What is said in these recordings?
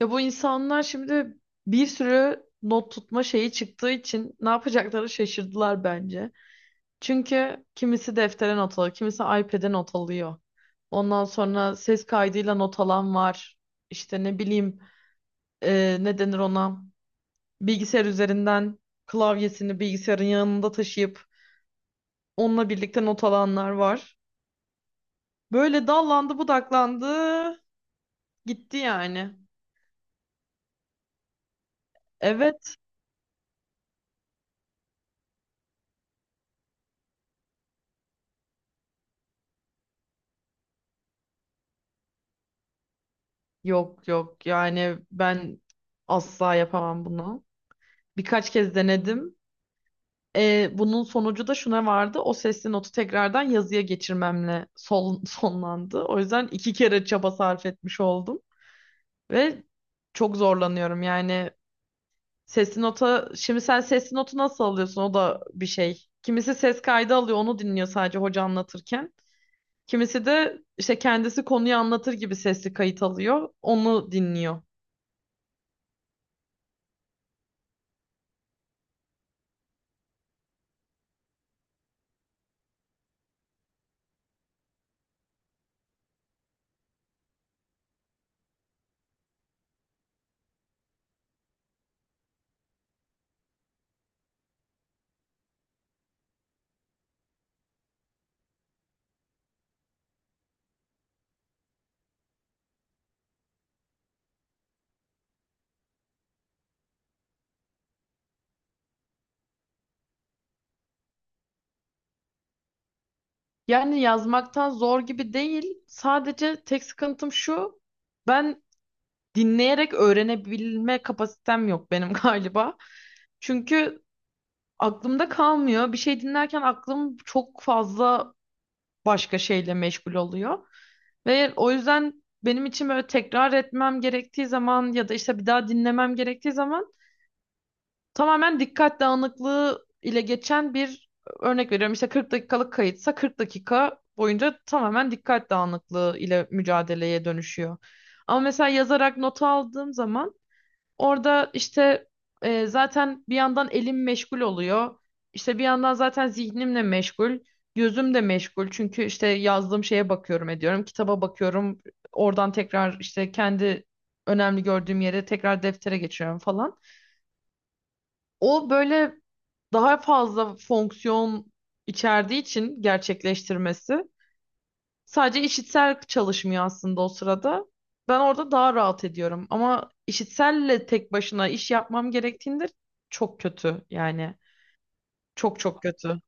Ya bu insanlar şimdi bir sürü not tutma şeyi çıktığı için ne yapacakları şaşırdılar bence. Çünkü kimisi deftere not alıyor, kimisi iPad'e not alıyor. Ondan sonra ses kaydıyla not alan var. İşte ne bileyim, ne denir ona? Bilgisayar üzerinden klavyesini bilgisayarın yanında taşıyıp onunla birlikte not alanlar var. Böyle dallandı budaklandı gitti yani. Evet. Yok, yok, yani ben asla yapamam bunu. Birkaç kez denedim. Bunun sonucu da şuna vardı. O sesli notu tekrardan yazıya geçirmemle sonlandı. O yüzden iki kere çaba sarf etmiş oldum. Ve çok zorlanıyorum yani. Sesli nota, şimdi sen sesli notu nasıl alıyorsun? O da bir şey. Kimisi ses kaydı alıyor, onu dinliyor sadece hoca anlatırken. Kimisi de işte kendisi konuyu anlatır gibi sesli kayıt alıyor, onu dinliyor. Yani yazmaktan zor gibi değil. Sadece tek sıkıntım şu. Ben dinleyerek öğrenebilme kapasitem yok benim galiba. Çünkü aklımda kalmıyor. Bir şey dinlerken aklım çok fazla başka şeyle meşgul oluyor. Ve o yüzden benim için böyle tekrar etmem gerektiği zaman ya da işte bir daha dinlemem gerektiği zaman tamamen dikkat dağınıklığı ile geçen bir, örnek veriyorum, İşte 40 dakikalık kayıtsa 40 dakika boyunca tamamen dikkat dağınıklığı ile mücadeleye dönüşüyor. Ama mesela yazarak not aldığım zaman orada işte, zaten bir yandan elim meşgul oluyor. İşte bir yandan zaten zihnimle meşgul, gözüm de meşgul. Çünkü işte yazdığım şeye bakıyorum ediyorum, kitaba bakıyorum. Oradan tekrar işte kendi önemli gördüğüm yere tekrar deftere geçiyorum falan. O böyle daha fazla fonksiyon içerdiği için gerçekleştirmesi sadece işitsel çalışmıyor aslında o sırada. Ben orada daha rahat ediyorum ama işitselle tek başına iş yapmam gerektiğinde çok kötü yani, çok çok kötü.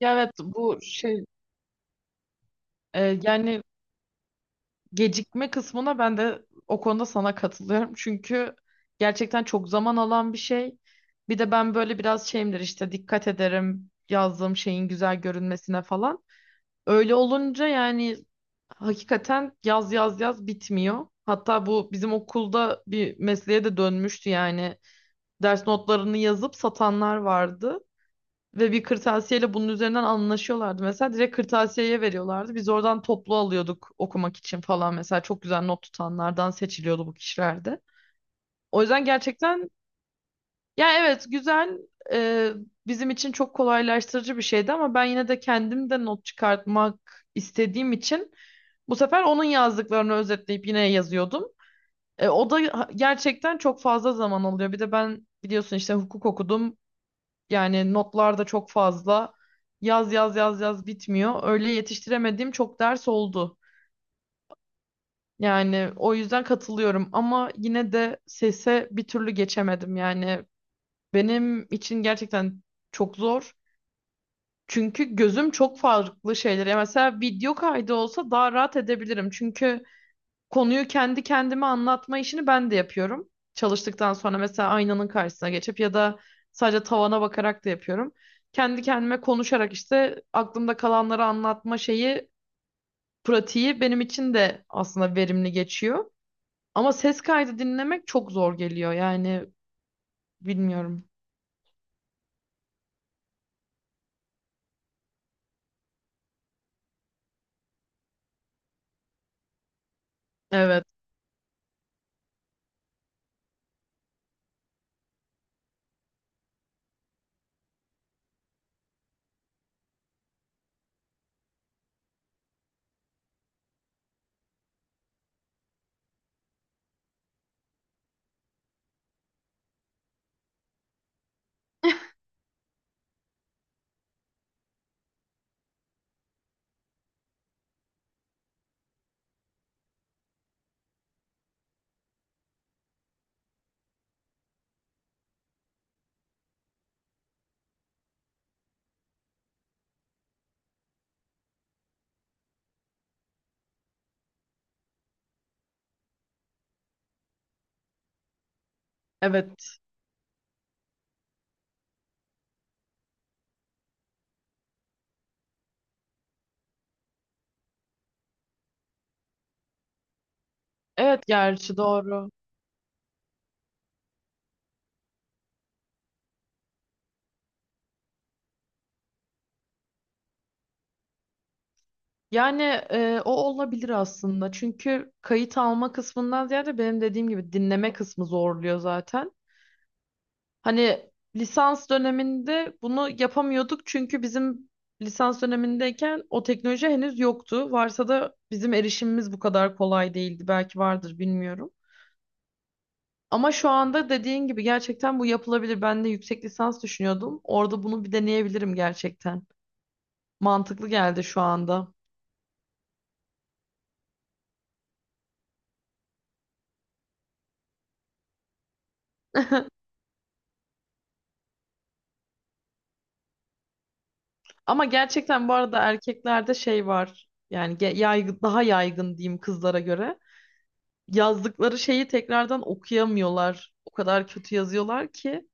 Ya evet, bu şey, yani gecikme kısmına ben de o konuda sana katılıyorum. Çünkü gerçekten çok zaman alan bir şey. Bir de ben böyle biraz şeyimdir, işte dikkat ederim yazdığım şeyin güzel görünmesine falan. Öyle olunca yani hakikaten yaz yaz yaz bitmiyor. Hatta bu bizim okulda bir mesleğe de dönmüştü yani. Ders notlarını yazıp satanlar vardı. Ve bir kırtasiyeyle bunun üzerinden anlaşıyorlardı. Mesela direkt kırtasiyeye veriyorlardı. Biz oradan toplu alıyorduk okumak için falan. Mesela çok güzel not tutanlardan seçiliyordu bu kişilerde. O yüzden gerçekten, ya evet, güzel, e, bizim için çok kolaylaştırıcı bir şeydi ama ben yine de kendim de not çıkartmak istediğim için bu sefer onun yazdıklarını özetleyip yine yazıyordum. O da gerçekten çok fazla zaman alıyor. Bir de ben biliyorsun işte hukuk okudum. Yani notlar da çok fazla. Yaz yaz yaz yaz bitmiyor. Öyle yetiştiremediğim çok ders oldu. Yani o yüzden katılıyorum ama yine de sese bir türlü geçemedim. Yani benim için gerçekten çok zor. Çünkü gözüm çok farklı şeylere. Mesela video kaydı olsa daha rahat edebilirim. Çünkü konuyu kendi kendime anlatma işini ben de yapıyorum. Çalıştıktan sonra mesela aynanın karşısına geçip ya da sadece tavana bakarak da yapıyorum. Kendi kendime konuşarak işte aklımda kalanları anlatma şeyi, pratiği benim için de aslında verimli geçiyor. Ama ses kaydı dinlemek çok zor geliyor yani, bilmiyorum. Evet, evet, evet, gerçi doğru. Yani, o olabilir aslında. Çünkü kayıt alma kısmından ziyade benim dediğim gibi dinleme kısmı zorluyor zaten. Hani lisans döneminde bunu yapamıyorduk, çünkü bizim lisans dönemindeyken o teknoloji henüz yoktu. Varsa da bizim erişimimiz bu kadar kolay değildi. Belki vardır bilmiyorum. Ama şu anda dediğin gibi gerçekten bu yapılabilir. Ben de yüksek lisans düşünüyordum. Orada bunu bir deneyebilirim gerçekten. Mantıklı geldi şu anda. Ama gerçekten bu arada erkeklerde şey var. Yani yaygın, daha yaygın diyeyim kızlara göre. Yazdıkları şeyi tekrardan okuyamıyorlar. O kadar kötü yazıyorlar ki.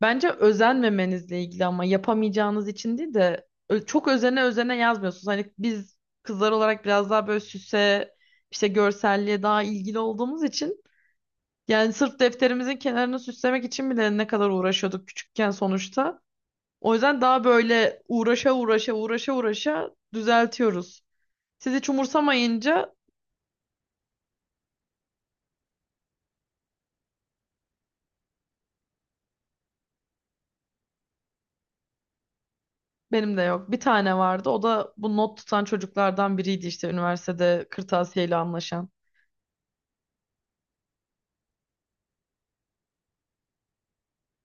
Bence özenmemenizle ilgili, ama yapamayacağınız için değil de çok özene özene yazmıyorsunuz. Hani biz kızlar olarak biraz daha böyle süse, işte görselliğe daha ilgili olduğumuz için, yani sırf defterimizin kenarını süslemek için bile ne kadar uğraşıyorduk küçükken sonuçta. O yüzden daha böyle uğraşa uğraşa uğraşa uğraşa düzeltiyoruz. Siz hiç umursamayınca. Benim de yok. Bir tane vardı. O da bu not tutan çocuklardan biriydi işte, üniversitede kırtasiyeyle anlaşan.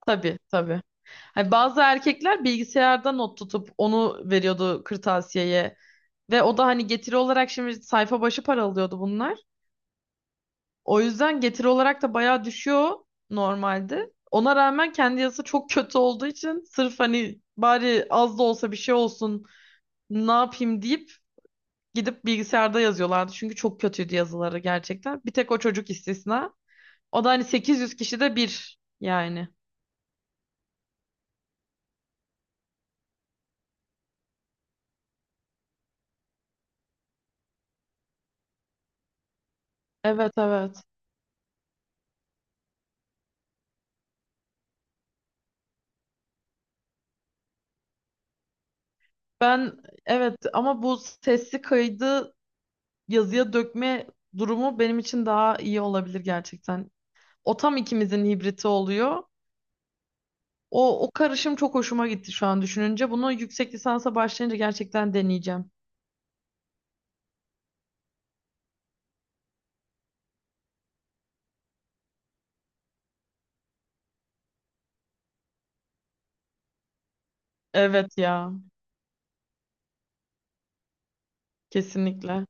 Tabii, tabii. Hani bazı erkekler bilgisayarda not tutup onu veriyordu kırtasiyeye. Ve o da hani getiri olarak şimdi sayfa başı para alıyordu bunlar. O yüzden getiri olarak da bayağı düşüyor normalde. Ona rağmen kendi yazısı çok kötü olduğu için sırf hani bari az da olsa bir şey olsun ne yapayım deyip gidip bilgisayarda yazıyorlardı. Çünkü çok kötüydü yazıları gerçekten. Bir tek o çocuk istisna. O da hani 800 kişide bir yani. Evet, evet. Ben, evet, ama bu sesli kaydı yazıya dökme durumu benim için daha iyi olabilir gerçekten. O tam ikimizin hibriti oluyor. O karışım çok hoşuma gitti şu an düşününce. Bunu yüksek lisansa başlayınca gerçekten deneyeceğim. Evet ya, kesinlikle.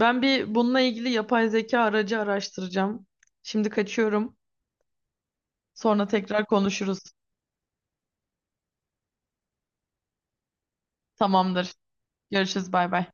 Ben bir bununla ilgili yapay zeka aracı araştıracağım. Şimdi kaçıyorum. Sonra tekrar konuşuruz. Tamamdır. Görüşürüz. Bay bay.